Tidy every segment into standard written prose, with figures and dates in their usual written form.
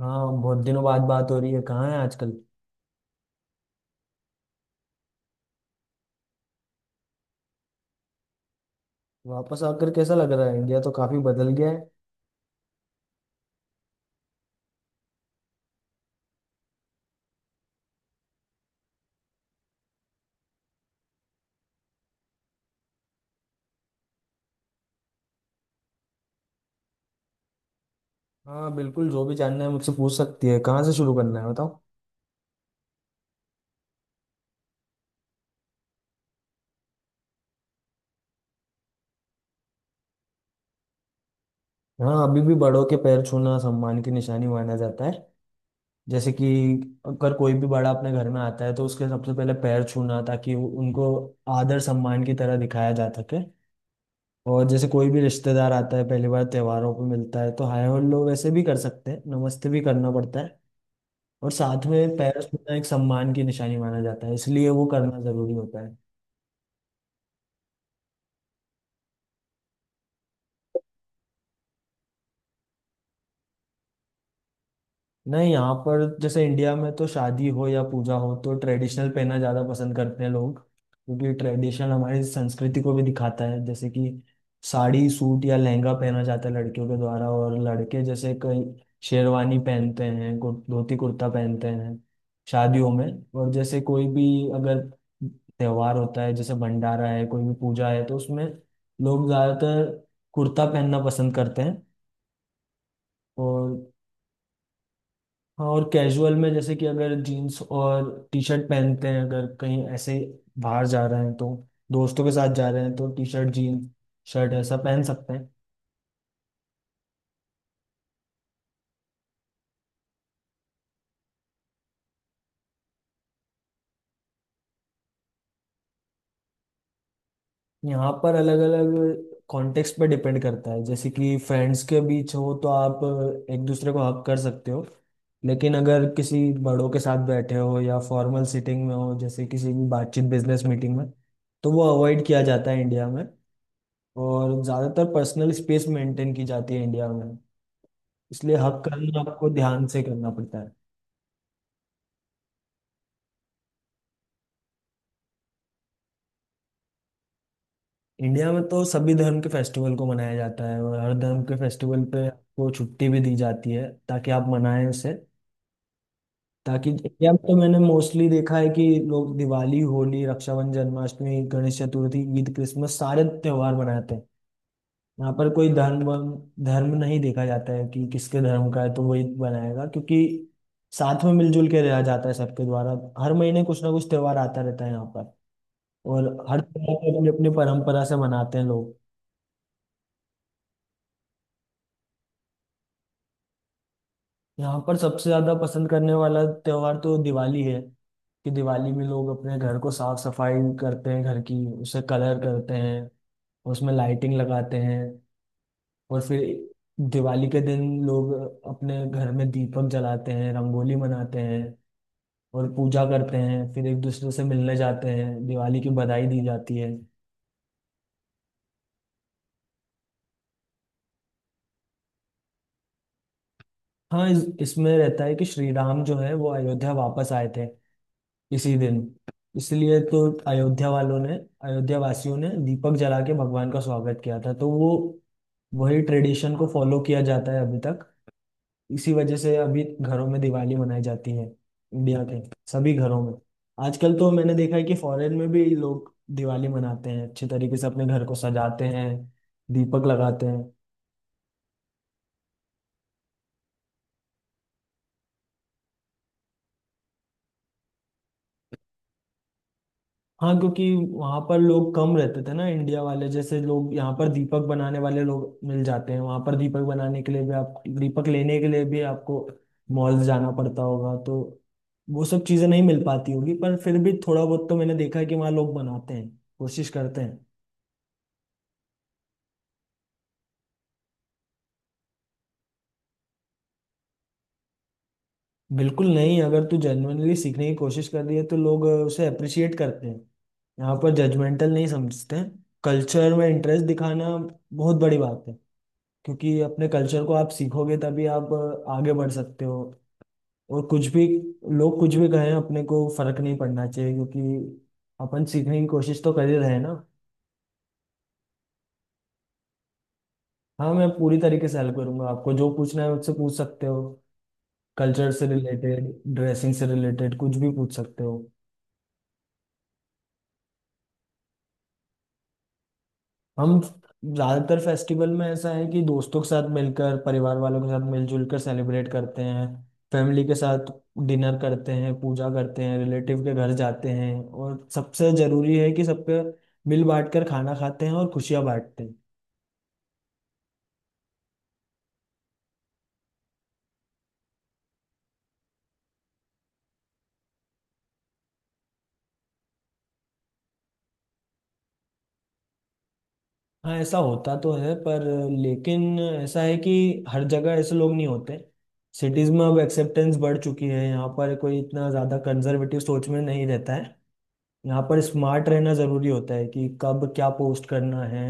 हाँ, बहुत दिनों बाद बात हो रही है। कहाँ है आजकल? वापस आकर कैसा लग रहा है? इंडिया तो काफी बदल गया है। हाँ बिल्कुल, जो भी जानना है मुझसे पूछ सकती है। कहाँ से शुरू करना है बताओ। हाँ, अभी भी बड़ों के पैर छूना सम्मान की निशानी माना जाता है। जैसे कि अगर कोई भी बड़ा अपने घर में आता है तो उसके सबसे पहले पैर छूना, ताकि उनको आदर सम्मान की तरह दिखाया जा सके। और जैसे कोई भी रिश्तेदार आता है, पहली बार त्योहारों पे मिलता है, तो हाय हेलो वैसे भी कर सकते हैं, नमस्ते भी करना पड़ता है। और साथ में पैर छूना एक सम्मान की निशानी माना जाता है, इसलिए वो करना जरूरी होता है। नहीं, यहाँ पर जैसे इंडिया में तो शादी हो या पूजा हो तो ट्रेडिशनल पहनना ज़्यादा पसंद करते हैं लोग, क्योंकि ट्रेडिशनल हमारी संस्कृति को भी दिखाता है। जैसे कि साड़ी, सूट या लहंगा पहना जाता है लड़कियों के द्वारा, और लड़के जैसे कई शेरवानी पहनते हैं, धोती कुर्ता पहनते हैं शादियों में। और जैसे कोई भी अगर त्योहार होता है, जैसे भंडारा है, कोई भी पूजा है, तो उसमें लोग ज़्यादातर कुर्ता पहनना पसंद करते हैं। और हाँ, और कैजुअल में जैसे कि अगर जीन्स और टी शर्ट पहनते हैं, अगर कहीं ऐसे बाहर जा रहे हैं तो, दोस्तों के साथ जा रहे हैं, तो टी शर्ट जीन्स शर्ट ऐसा पहन सकते हैं। यहाँ पर अलग अलग कॉन्टेक्स्ट पर डिपेंड करता है। जैसे कि फ्रेंड्स के बीच हो तो आप एक दूसरे को हक कर सकते हो, लेकिन अगर किसी बड़ों के साथ बैठे हो या फॉर्मल सीटिंग में हो, जैसे किसी भी बातचीत बिजनेस मीटिंग में, तो वो अवॉइड किया जाता है इंडिया में। और ज़्यादातर पर्सनल स्पेस मेंटेन की जाती है इंडिया में, इसलिए हक कर्म आपको ध्यान से करना पड़ता है। इंडिया में तो सभी धर्म के फेस्टिवल को मनाया जाता है, और हर धर्म के फेस्टिवल पे आपको छुट्टी भी दी जाती है, ताकि आप मनाएं उसे। ताकि इंडिया में तो मैंने मोस्टली देखा है कि लोग दिवाली, होली, रक्षाबंधन, जन्माष्टमी, गणेश चतुर्थी, ईद, क्रिसमस सारे त्योहार मनाते हैं। यहाँ पर कोई धर्म धर्म नहीं देखा जाता है कि किसके धर्म का है तो वही बनाएगा, क्योंकि साथ में मिलजुल के रहा जाता है सबके द्वारा। हर महीने कुछ ना कुछ त्योहार आता रहता है यहाँ पर। और हर त्योहार को अपनी अपनी परंपरा से मनाते हैं लोग। यहाँ पर सबसे ज्यादा पसंद करने वाला त्योहार तो दिवाली है। कि दिवाली में लोग अपने घर को साफ सफाई करते हैं, घर की, उसे कलर करते हैं, उसमें लाइटिंग लगाते हैं, और फिर दिवाली के दिन लोग अपने घर में दीपक जलाते हैं, रंगोली मनाते हैं, और पूजा करते हैं। फिर एक दूसरे से मिलने जाते हैं, दिवाली की बधाई दी जाती है। हाँ, इसमें रहता है कि श्री राम जो है वो अयोध्या वापस आए थे इसी दिन। इसलिए तो अयोध्या वालों ने, अयोध्या वासियों ने दीपक जला के भगवान का स्वागत किया था, तो वो वही ट्रेडिशन को फॉलो किया जाता है अभी तक। इसी वजह से अभी घरों में दिवाली मनाई जाती है इंडिया के सभी घरों में। आजकल तो मैंने देखा है कि फॉरेन में भी लोग दिवाली मनाते हैं, अच्छे तरीके से अपने घर को सजाते हैं, दीपक लगाते हैं। हाँ क्योंकि वहां पर लोग कम रहते थे ना इंडिया वाले। जैसे लोग यहाँ पर दीपक बनाने वाले लोग मिल जाते हैं, वहां पर दीपक बनाने के लिए भी, आप दीपक लेने के लिए भी आपको मॉल जाना पड़ता होगा। तो वो सब चीजें नहीं मिल पाती होगी, पर फिर भी थोड़ा बहुत तो मैंने देखा है कि वहाँ लोग बनाते हैं, कोशिश करते हैं। बिल्कुल नहीं, अगर तू जेन्युइनली सीखने की कोशिश कर रही है तो लोग उसे अप्रिशिएट करते हैं। यहाँ पर जजमेंटल नहीं समझते। कल्चर में इंटरेस्ट दिखाना बहुत बड़ी बात है, क्योंकि अपने कल्चर को आप सीखोगे तभी आप आगे बढ़ सकते हो। और कुछ भी लोग कुछ भी कहें, अपने को फर्क नहीं पड़ना चाहिए, क्योंकि अपन सीखने की कोशिश तो कर ही रहे हैं ना। हाँ, मैं पूरी तरीके से हेल्प करूंगा आपको। जो पूछना है मुझसे पूछ सकते हो, कल्चर से रिलेटेड, ड्रेसिंग से रिलेटेड कुछ भी पूछ सकते हो। हम ज्यादातर फेस्टिवल में ऐसा है कि दोस्तों के साथ मिलकर, परिवार वालों के साथ मिलजुल कर सेलिब्रेट करते हैं। फैमिली के साथ डिनर करते हैं, पूजा करते हैं, रिलेटिव के घर जाते हैं, और सबसे जरूरी है कि सबके मिल बांट कर खाना खाते हैं और खुशियां बांटते हैं। हाँ ऐसा होता तो है, पर लेकिन ऐसा है कि हर जगह ऐसे लोग नहीं होते। सिटीज में अब एक्सेप्टेंस बढ़ चुकी है, यहाँ पर कोई इतना ज़्यादा कंजर्वेटिव सोच में नहीं रहता है। यहाँ पर स्मार्ट रहना ज़रूरी होता है कि कब क्या पोस्ट करना है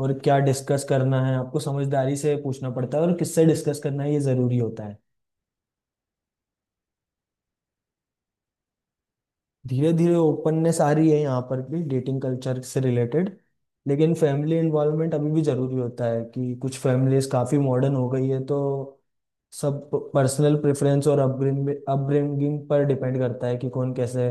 और क्या डिस्कस करना है। आपको समझदारी से पूछना पड़ता है और किससे डिस्कस करना है ये ज़रूरी होता है। धीरे धीरे ओपननेस आ रही है यहाँ पर भी, डेटिंग कल्चर से रिलेटेड। लेकिन फैमिली इन्वॉल्वमेंट अभी भी ज़रूरी होता है। कि कुछ फैमिलीज काफ़ी मॉडर्न हो गई है, तो सब पर्सनल प्रेफरेंस और अपब्रिंगिंग पर डिपेंड करता है कि कौन कैसे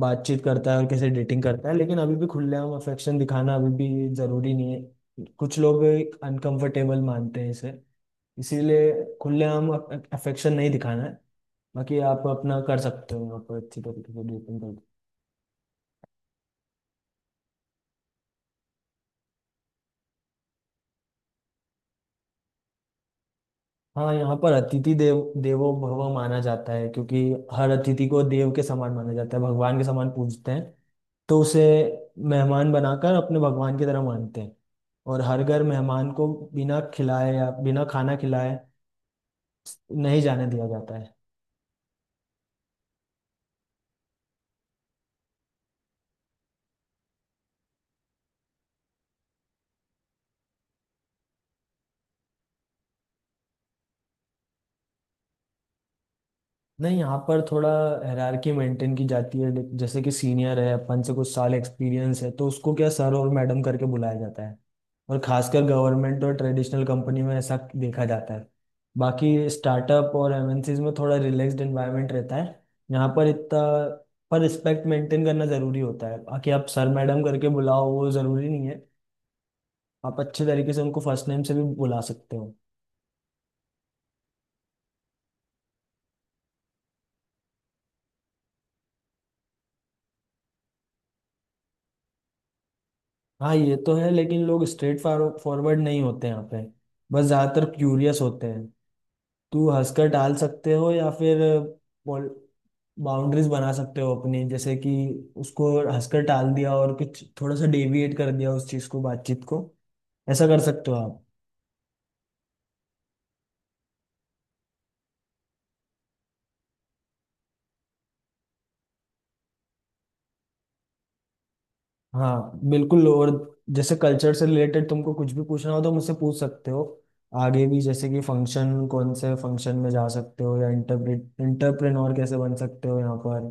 बातचीत करता है और कैसे डेटिंग करता है। लेकिन अभी भी खुलेआम अफेक्शन दिखाना अभी भी ज़रूरी नहीं है। कुछ लोग अनकंफर्टेबल मानते हैं इसे, इसीलिए खुलेआम अफेक्शन नहीं दिखाना है। बाकी आप अपना कर सकते हो यहाँ पर अच्छी तरीके से डेटिंग। हाँ, यहाँ पर अतिथि देव देवो भव माना जाता है, क्योंकि हर अतिथि को देव के समान माना जाता है, भगवान के समान पूजते हैं। तो उसे मेहमान बनाकर अपने भगवान की तरह मानते हैं। और हर घर मेहमान को बिना खिलाए या बिना खाना खिलाए नहीं जाने दिया जाता है। नहीं, यहाँ पर थोड़ा हायरार्की मेंटेन की जाती है। लेकिन जैसे कि सीनियर है, अपन से कुछ साल एक्सपीरियंस है, तो उसको क्या सर और मैडम करके बुलाया जाता है। और खासकर गवर्नमेंट और ट्रेडिशनल कंपनी में ऐसा देखा जाता है। बाकी स्टार्टअप और एमएनसीज में थोड़ा रिलैक्स्ड एनवायरनमेंट रहता है। यहाँ पर इतना पर रिस्पेक्ट मेंटेन करना ज़रूरी होता है, बाकी आप सर मैडम करके बुलाओ वो ज़रूरी नहीं है। आप अच्छे तरीके से उनको फर्स्ट नेम से भी बुला सकते हो। हाँ ये तो है, लेकिन लोग स्ट्रेट फॉरवर्ड नहीं होते यहाँ पे, बस ज़्यादातर क्यूरियस होते हैं। तू हंसकर टाल सकते हो या फिर बाउंड्रीज बना सकते हो अपनी। जैसे कि उसको हंसकर टाल दिया, और कुछ थोड़ा सा डेविएट कर दिया उस चीज़ को, बातचीत को, ऐसा कर सकते हो आप। हाँ बिल्कुल, और जैसे कल्चर से रिलेटेड तुमको कुछ भी पूछना हो तो मुझसे पूछ सकते हो, आगे भी, जैसे कि फंक्शन, कौन से फंक्शन में जा सकते हो या इंटरप्रेट इंटरप्रेन्योर कैसे बन सकते हो यहाँ पर।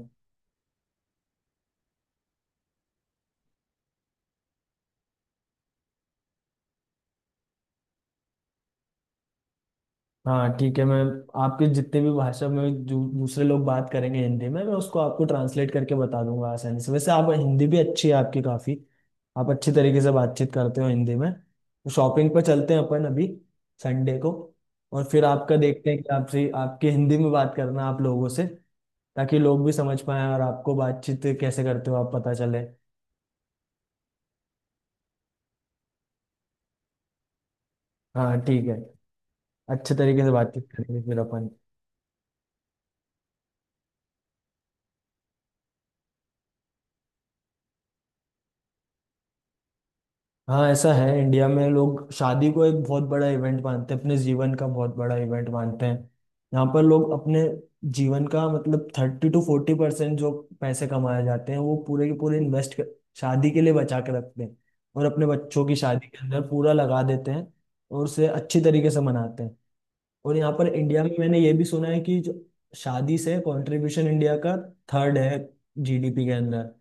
हाँ ठीक है, मैं आपके जितने भी भाषा में जो दूसरे लोग बात करेंगे हिंदी में, मैं उसको आपको ट्रांसलेट करके बता दूंगा आसानी से। वैसे आप हिंदी भी अच्छी है आपकी, काफ़ी आप अच्छी तरीके से बातचीत करते हो हिंदी में। तो शॉपिंग पर चलते हैं अपन अभी, संडे को, और फिर आपका देखते हैं कि आपसे आपकी हिंदी में बात करना आप लोगों से, ताकि लोग भी समझ पाए और आपको बातचीत कैसे करते हो आप पता चले। हाँ ठीक है, अच्छे तरीके से बातचीत करेंगे फिर अपन। हाँ ऐसा है, इंडिया में लोग शादी को एक बहुत बड़ा इवेंट मानते हैं, अपने जीवन का बहुत बड़ा इवेंट मानते हैं। यहाँ पर लोग अपने जीवन का मतलब 30-40% जो पैसे कमाए जाते हैं वो पूरे के पूरे इन्वेस्ट कर शादी के लिए बचा के रखते हैं, और अपने बच्चों की शादी के अंदर पूरा लगा देते हैं, और उसे अच्छी तरीके से मनाते हैं। और यहाँ पर इंडिया में मैंने ये भी सुना है कि जो शादी से कंट्रीब्यूशन इंडिया का थर्ड है जीडीपी के अंदर।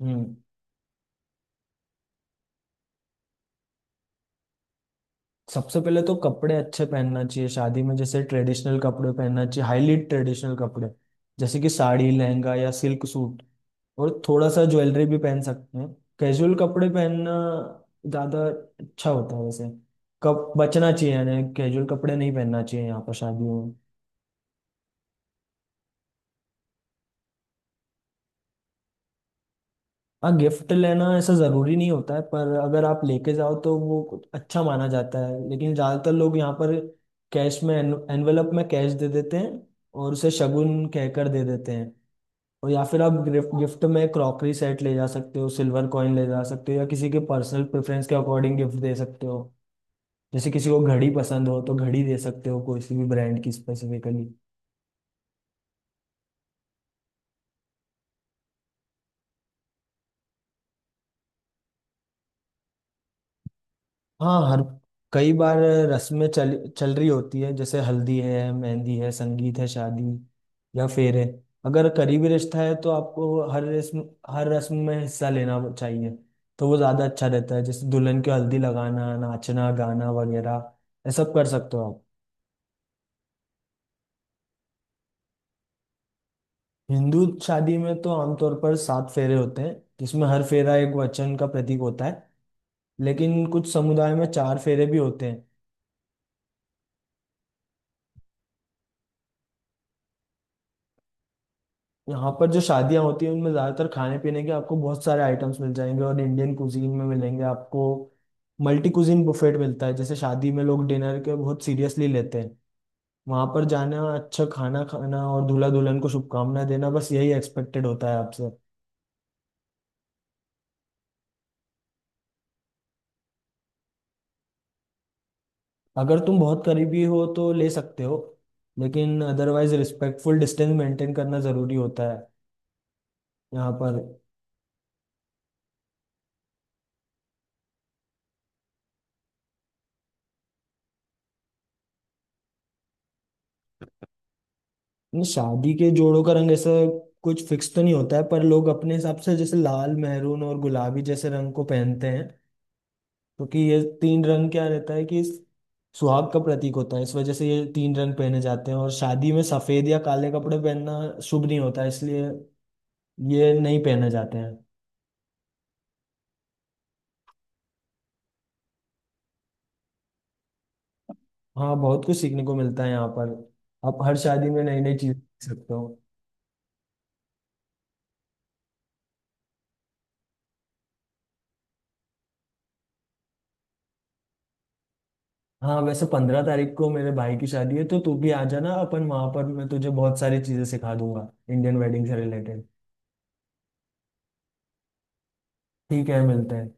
हम्म। सबसे पहले तो कपड़े अच्छे पहनना चाहिए शादी में, जैसे ट्रेडिशनल कपड़े पहनना चाहिए, हाईली ट्रेडिशनल कपड़े, जैसे कि साड़ी, लहंगा या सिल्क सूट, और थोड़ा सा ज्वेलरी भी पहन सकते हैं। कैजुअल कपड़े पहनना ज़्यादा अच्छा होता है वैसे, कब बचना चाहिए यानी कैजुअल कपड़े नहीं पहनना चाहिए यहाँ पर शादियों। हाँ, गिफ्ट लेना ऐसा ज़रूरी नहीं होता है, पर अगर आप लेके जाओ तो वो कुछ अच्छा माना जाता है। लेकिन ज़्यादातर लोग यहाँ पर कैश में, एनवेलप में कैश दे देते हैं, और उसे शगुन कहकर दे देते हैं। और या फिर आप गिफ्ट गिफ्ट में क्रॉकरी सेट ले जा सकते हो, सिल्वर कॉइन ले जा सकते हो, या किसी के पर्सनल प्रेफरेंस के अकॉर्डिंग गिफ्ट दे सकते हो। जैसे किसी को घड़ी पसंद हो तो घड़ी दे सकते हो, किसी भी ब्रांड की स्पेसिफिकली। हाँ, हर कई बार रस्में चल चल रही होती है, जैसे हल्दी है, मेहंदी है, संगीत है, शादी या फेरे। अगर करीबी रिश्ता है तो आपको हर रस्म, हर रस्म में हिस्सा लेना चाहिए, तो वो ज़्यादा अच्छा रहता है। जैसे दुल्हन को हल्दी लगाना, नाचना गाना वगैरह, ये सब कर सकते हो आप। हिंदू शादी में तो आमतौर पर 7 फेरे होते हैं, जिसमें हर फेरा एक वचन का प्रतीक होता है। लेकिन कुछ समुदाय में 4 फेरे भी होते हैं। यहाँ पर जो शादियाँ होती हैं उनमें ज़्यादातर खाने पीने के आपको बहुत सारे आइटम्स मिल जाएंगे, और इंडियन कुजीन में मिलेंगे आपको, मल्टी कुजीन बुफेट मिलता है। जैसे शादी में लोग डिनर के बहुत सीरियसली लेते हैं। वहाँ पर जाना, अच्छा खाना खाना और दूल्हा दुल्हन को शुभकामनाएं देना बस यही एक्सपेक्टेड होता है आपसे। अगर तुम बहुत करीबी हो तो ले सकते हो, लेकिन अदरवाइज रिस्पेक्टफुल डिस्टेंस मेंटेन करना ज़रूरी होता है यहाँ पर। नहीं, शादी के जोड़ों का रंग ऐसा कुछ फिक्स तो नहीं होता है, पर लोग अपने हिसाब से जैसे लाल, मैरून और गुलाबी जैसे रंग को पहनते हैं, क्योंकि ये तीन रंग क्या रहता है कि सुहाग का प्रतीक होता है। इस वजह से ये तीन रंग पहने जाते हैं। और शादी में सफेद या काले कपड़े पहनना शुभ नहीं होता, इसलिए ये नहीं पहने जाते हैं। हाँ बहुत कुछ सीखने को मिलता है यहाँ पर, आप हर शादी में नई नई चीज सीख सकते हो। हाँ वैसे 15 तारीख को मेरे भाई की शादी है, तो तू भी आ जाना, अपन वहां पर मैं तुझे बहुत सारी चीजें सिखा दूंगा इंडियन वेडिंग से रिलेटेड। ठीक है, मिलते हैं।